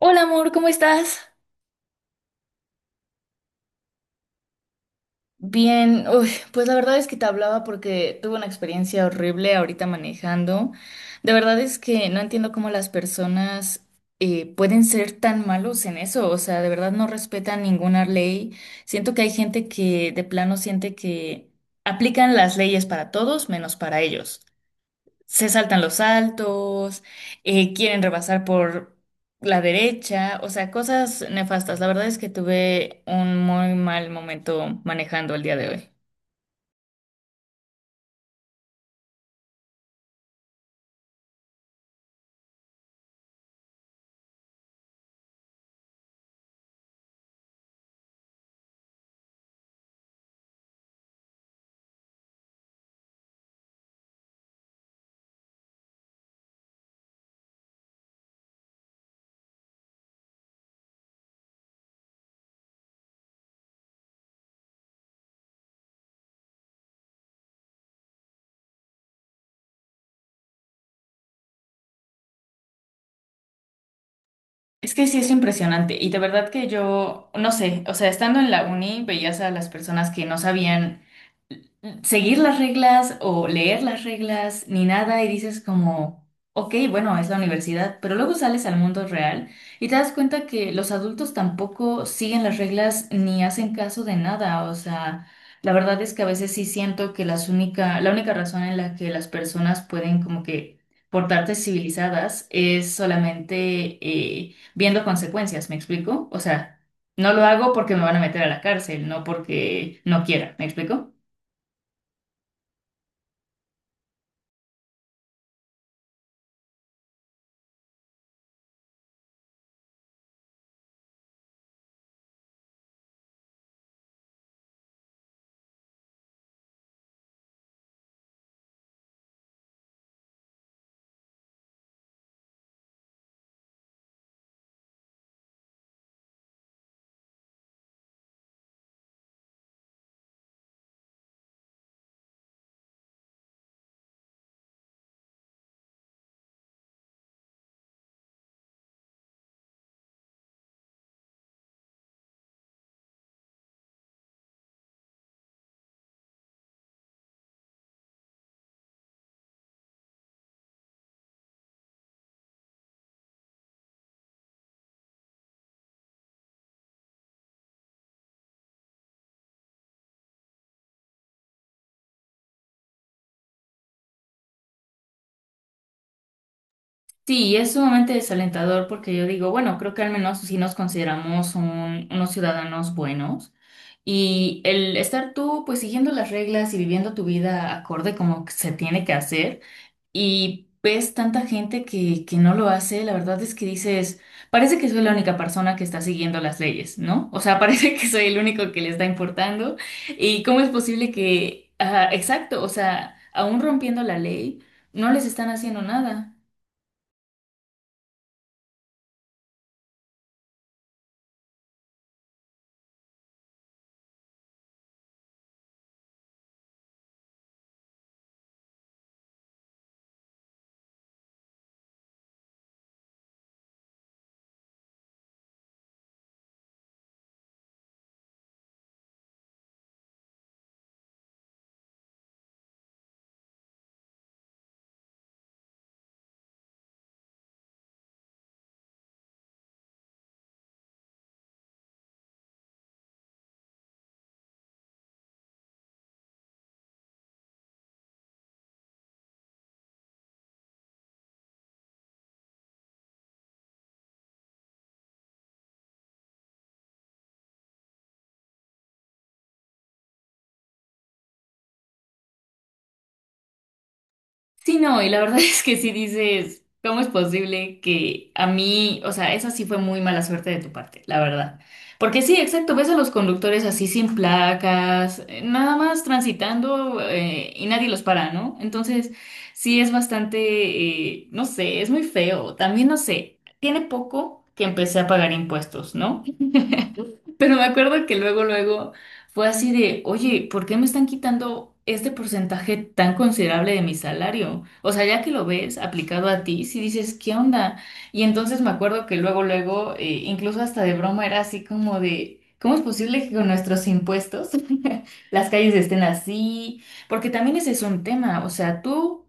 Hola amor, ¿cómo estás? Bien, uy, pues la verdad es que te hablaba porque tuve una experiencia horrible ahorita manejando. De verdad es que no entiendo cómo las personas pueden ser tan malos en eso, o sea, de verdad no respetan ninguna ley. Siento que hay gente que de plano siente que aplican las leyes para todos menos para ellos. Se saltan los saltos, quieren rebasar por la derecha, o sea, cosas nefastas. La verdad es que tuve un muy mal momento manejando el día de hoy. Es que sí es impresionante y de verdad que yo, no sé, o sea, estando en la uni veías a las personas que no sabían seguir las reglas o leer las reglas ni nada y dices como, ok, bueno, es la universidad, pero luego sales al mundo real y te das cuenta que los adultos tampoco siguen las reglas ni hacen caso de nada, o sea, la verdad es que a veces sí siento que la única razón en la que las personas pueden como que portarse civilizadas es solamente viendo consecuencias, ¿me explico? O sea, no lo hago porque me van a meter a la cárcel, no porque no quiera, ¿me explico? Sí, y es sumamente desalentador porque yo digo, bueno, creo que al menos sí nos consideramos unos ciudadanos buenos y el estar tú pues siguiendo las reglas y viviendo tu vida acorde como que se tiene que hacer y ves tanta gente que no lo hace, la verdad es que dices, parece que soy la única persona que está siguiendo las leyes, ¿no? O sea, parece que soy el único que le está importando y cómo es posible que, ah, exacto, o sea, aún rompiendo la ley, no les están haciendo nada. Sí, no, y la verdad es que sí dices, ¿cómo es posible que a mí? O sea, esa sí fue muy mala suerte de tu parte, la verdad. Porque sí, exacto, ves a los conductores así sin placas, nada más transitando y nadie los para, ¿no? Entonces, sí es bastante, no sé, es muy feo. También no sé, tiene poco que empecé a pagar impuestos, ¿no? Pero me acuerdo que luego, luego fue así de, oye, ¿por qué me están quitando este porcentaje tan considerable de mi salario? O sea, ya que lo ves aplicado a ti, si dices, ¿qué onda? Y entonces me acuerdo que luego, luego, incluso hasta de broma era así como de, ¿cómo es posible que con nuestros impuestos las calles estén así? Porque también ese es un tema, o sea, tú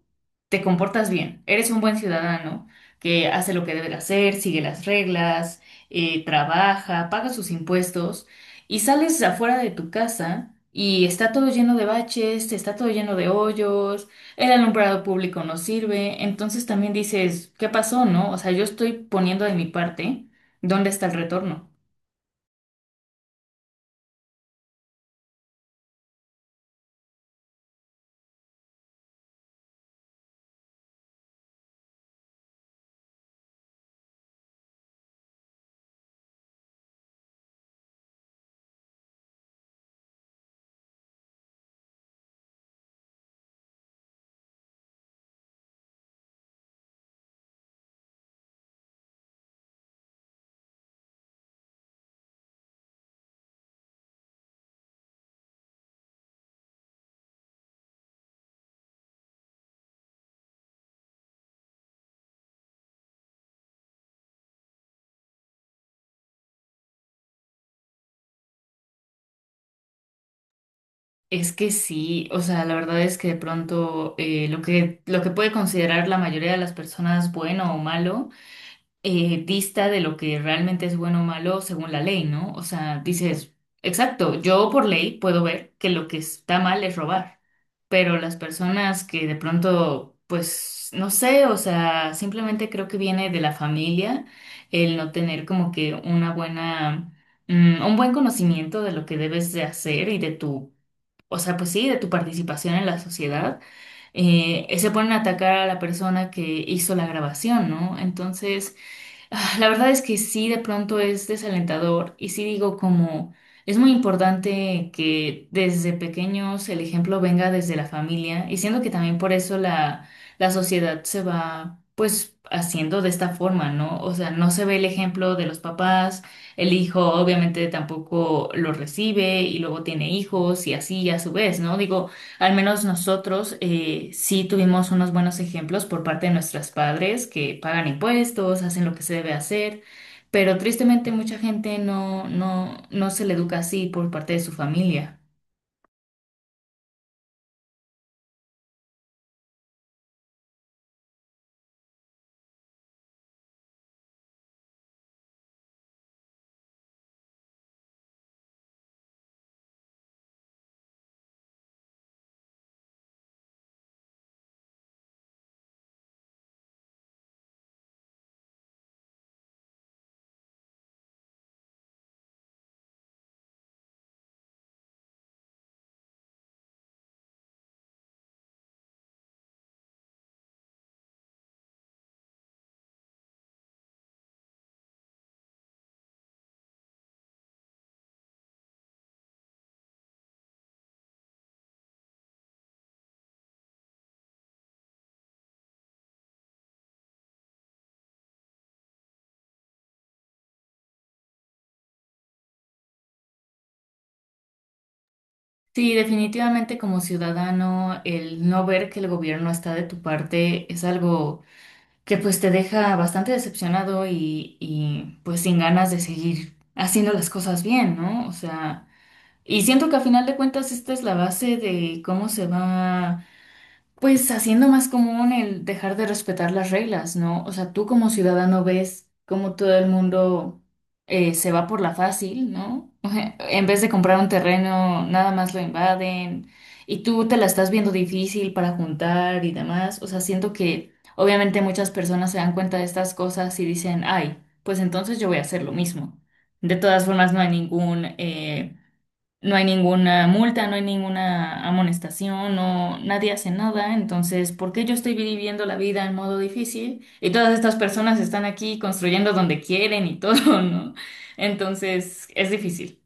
te comportas bien, eres un buen ciudadano que hace lo que debe de hacer, sigue las reglas, trabaja, paga sus impuestos y sales afuera de tu casa y está todo lleno de baches, está todo lleno de hoyos, el alumbrado público no sirve, entonces también dices, ¿qué pasó, no? O sea, yo estoy poniendo de mi parte, ¿dónde está el retorno? Es que sí, o sea, la verdad es que de pronto lo que puede considerar la mayoría de las personas bueno o malo, dista de lo que realmente es bueno o malo según la ley, ¿no? O sea, dices, exacto, yo por ley puedo ver que lo que está mal es robar, pero las personas que de pronto, pues, no sé, o sea, simplemente creo que viene de la familia el no tener como que una buena, mm, un buen conocimiento de lo que debes de hacer y de tu, o sea, pues sí, de tu participación en la sociedad. Se ponen a atacar a la persona que hizo la grabación, ¿no? Entonces, ah, la verdad es que sí, de pronto es desalentador y sí digo como es muy importante que desde pequeños el ejemplo venga desde la familia y siendo que también por eso la sociedad se va pues haciendo de esta forma, ¿no? O sea, no se ve el ejemplo de los papás, el hijo obviamente tampoco lo recibe y luego tiene hijos y así a su vez, ¿no? Digo, al menos nosotros sí tuvimos unos buenos ejemplos por parte de nuestros padres que pagan impuestos, hacen lo que se debe hacer, pero tristemente mucha gente no, no se le educa así por parte de su familia. Sí, definitivamente como ciudadano, el no ver que el gobierno está de tu parte es algo que pues te deja bastante decepcionado y pues sin ganas de seguir haciendo las cosas bien, ¿no? O sea, y siento que a final de cuentas esta es la base de cómo se va pues haciendo más común el dejar de respetar las reglas, ¿no? O sea, tú como ciudadano ves cómo todo el mundo se va por la fácil, ¿no? En vez de comprar un terreno, nada más lo invaden y tú te la estás viendo difícil para juntar y demás. O sea, siento que obviamente muchas personas se dan cuenta de estas cosas y dicen, ay, pues entonces yo voy a hacer lo mismo. De todas formas, no hay ninguna multa, no hay ninguna amonestación, no, nadie hace nada. Entonces, ¿por qué yo estoy viviendo la vida en modo difícil? Y todas estas personas están aquí construyendo donde quieren y todo, ¿no? Entonces, es difícil.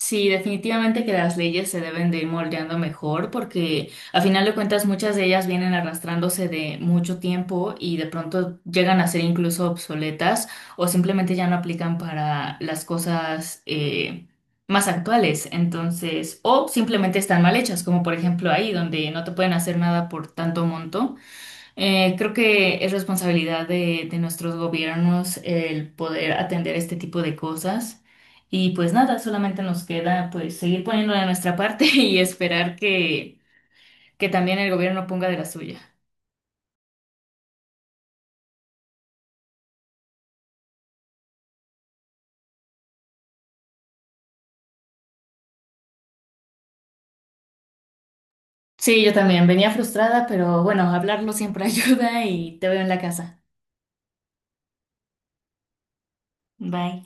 Sí, definitivamente que las leyes se deben de ir moldeando mejor porque a final de cuentas muchas de ellas vienen arrastrándose de mucho tiempo y de pronto llegan a ser incluso obsoletas o simplemente ya no aplican para las cosas, más actuales. Entonces, o simplemente están mal hechas, como por ejemplo ahí donde no te pueden hacer nada por tanto monto. Creo que es responsabilidad de nuestros gobiernos el poder atender este tipo de cosas. Y pues nada, solamente nos queda pues seguir poniendo de nuestra parte y esperar que también el gobierno ponga de la suya. Sí, yo también venía frustrada, pero bueno, hablarlo siempre ayuda y te veo en la casa. Bye.